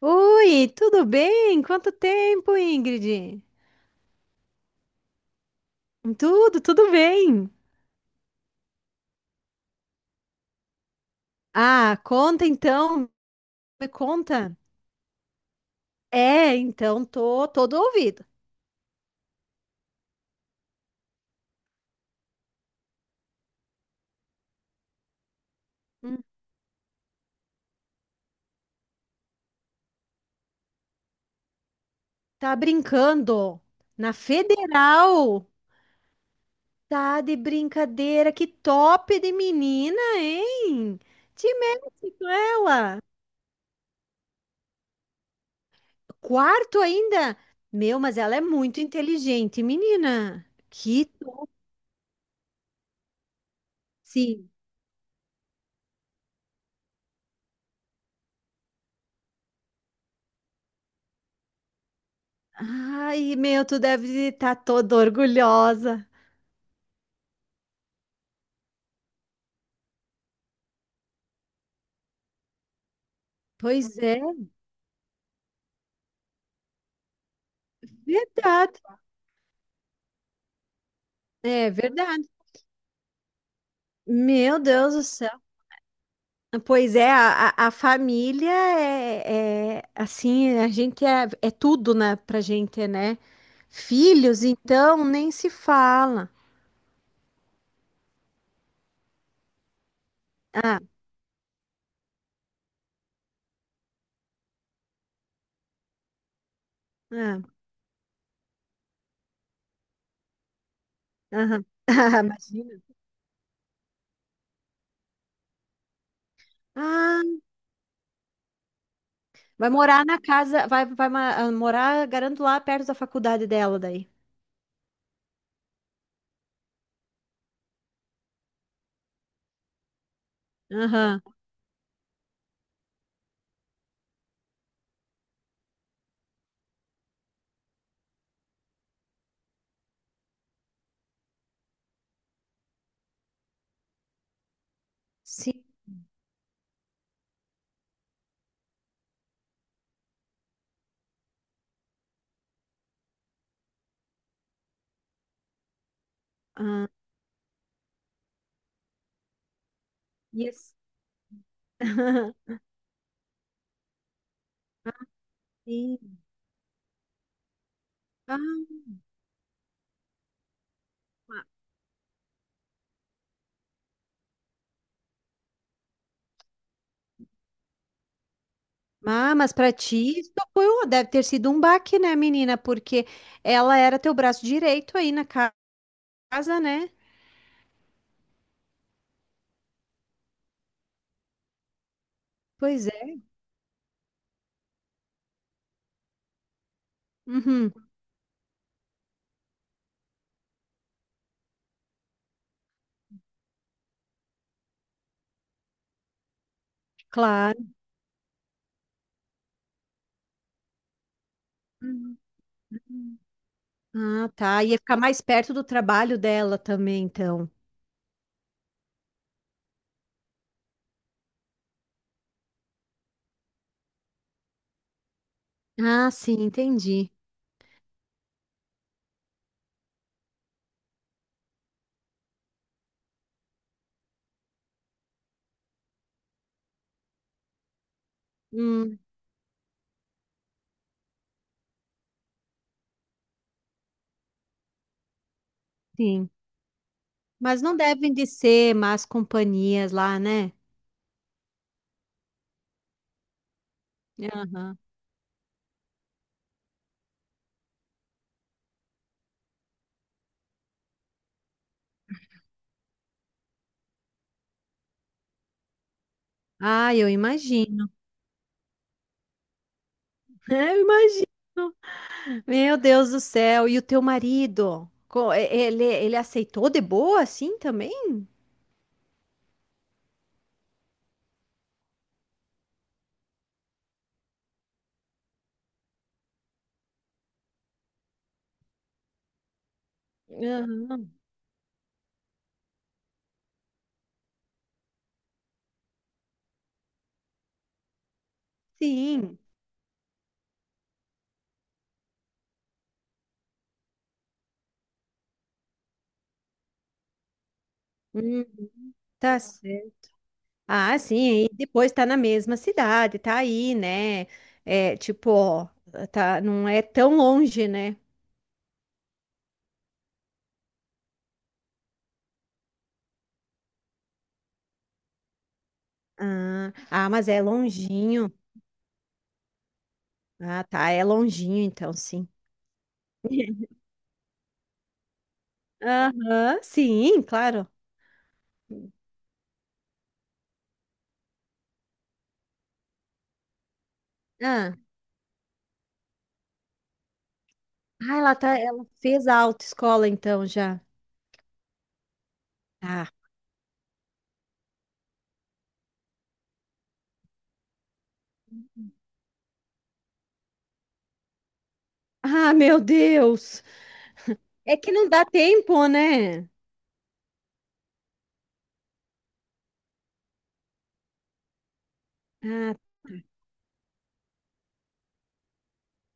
Oi, tudo bem? Quanto tempo, Ingrid? Tudo bem. Ah, conta então, me conta. É, então tô todo ouvido. Hum. Tá brincando na Federal? Tá de brincadeira, que top de menina, hein? Te mete com ela. Quarto ainda? Meu, mas ela é muito inteligente, menina. Que top. Sim. Ai, meu, tu deve estar toda orgulhosa. Pois é, verdade. É verdade. Meu Deus do céu. Pois é, a família é, assim, a gente é tudo, né, pra gente, né? Filhos, então, nem se fala. Ah, ah, aham. Ah, imagina. Ah, vai morar na casa, morar, garanto, lá perto da faculdade dela daí. Aham. Sim. Ah, yes. Ah, ma- mas pra ti isso deve ter sido um baque, né, menina? Porque ela era teu braço direito aí casa, né? Pois é. Uhum, claro. Uhum. Ah, tá. Ia ficar mais perto do trabalho dela também, então. Ah, sim, entendi. Hum, sim. Mas não devem de ser más companhias lá, né? Aham. Ah, eu imagino. Eu imagino. Meu Deus do céu, e o teu marido? Ele, ele aceitou de boa assim também? Aham. Sim. Hum, tá certo. Ah, sim, e depois tá na mesma cidade, tá aí, né? É, tipo, ó, tá, não é tão longe, né? Ah, mas é longinho. Ah, tá, é longinho então, sim. Aham, sim, claro. Ah, ah, ela fez a autoescola então já. Ah, ah, meu Deus! É que não dá tempo, né? Ah,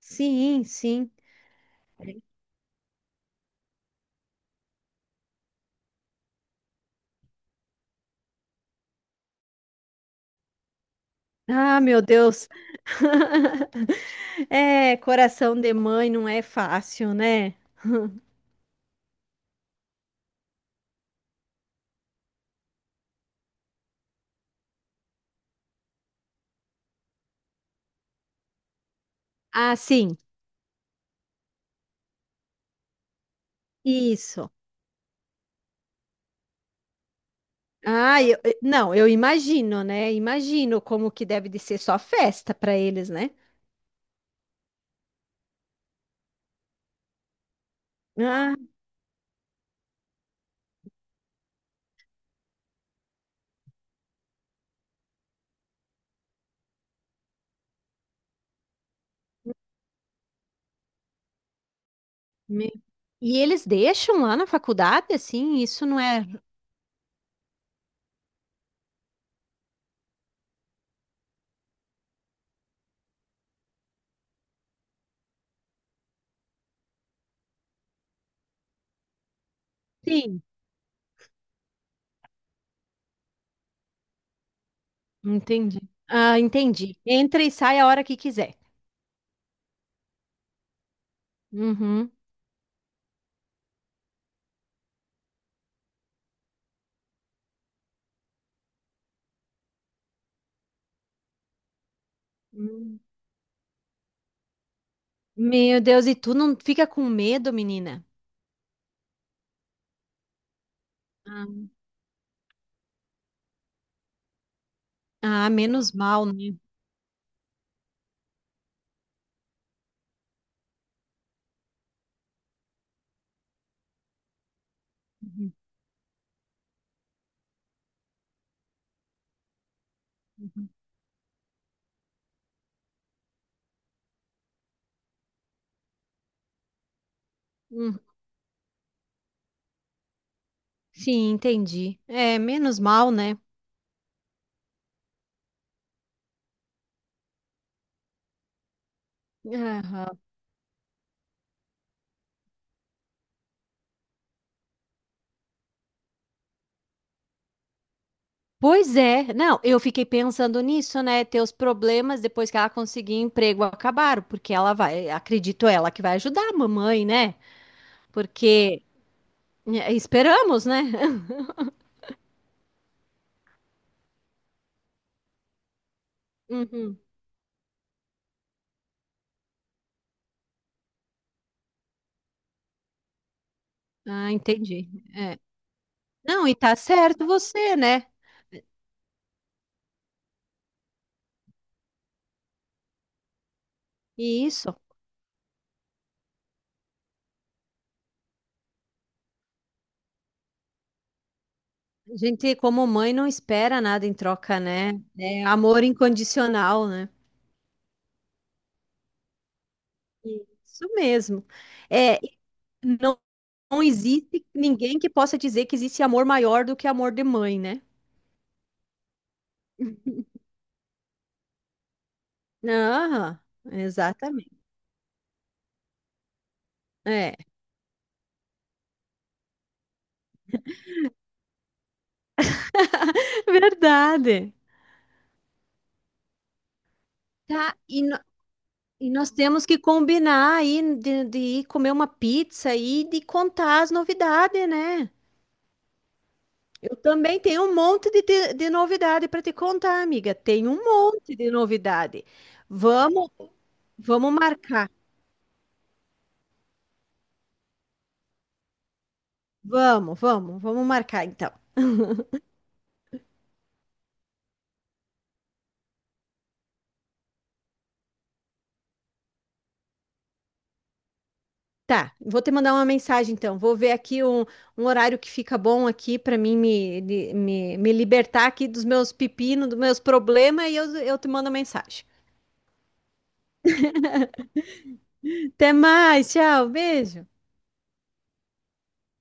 sim, sim. Ah, meu Deus. É, coração de mãe não é fácil, né? Ah, sim, isso. Não, eu imagino, né? Imagino como que deve de ser só festa para eles, né? Ah, me- e eles deixam lá na faculdade, assim? Isso não é. Sim, entendi. Ah, entendi. Entra e sai a hora que quiser. Uhum. Meu Deus, e tu não fica com medo, menina? Ah, ah, menos mal, né? Uhum, uhum. Hum, sim, entendi. É, menos mal, né? Aham. Pois é. Não, eu fiquei pensando nisso, né? Teus problemas depois que ela conseguir emprego acabaram, porque ela vai, acredito ela que vai ajudar a mamãe, né? Porque é, esperamos, né? Uhum. Ah, entendi. Não, e tá certo você, né? E isso. A gente, como mãe, não espera nada em troca, né? É amor incondicional, né? Isso mesmo. É, não, não existe ninguém que possa dizer que existe amor maior do que amor de mãe, né? Ah, exatamente. É, verdade. Tá, e, no- e nós temos que combinar aí de ir comer uma pizza e de contar as novidades, né? Eu também tenho um monte de novidade para te contar, amiga. Tem um monte de novidade. Vamos, vamos marcar. Vamos marcar então. Tá, vou te mandar uma mensagem então. Vou ver aqui um, um horário que fica bom aqui para mim me, me libertar aqui dos meus pepinos, dos meus problemas e eu te mando mensagem. Até mais, tchau, beijo.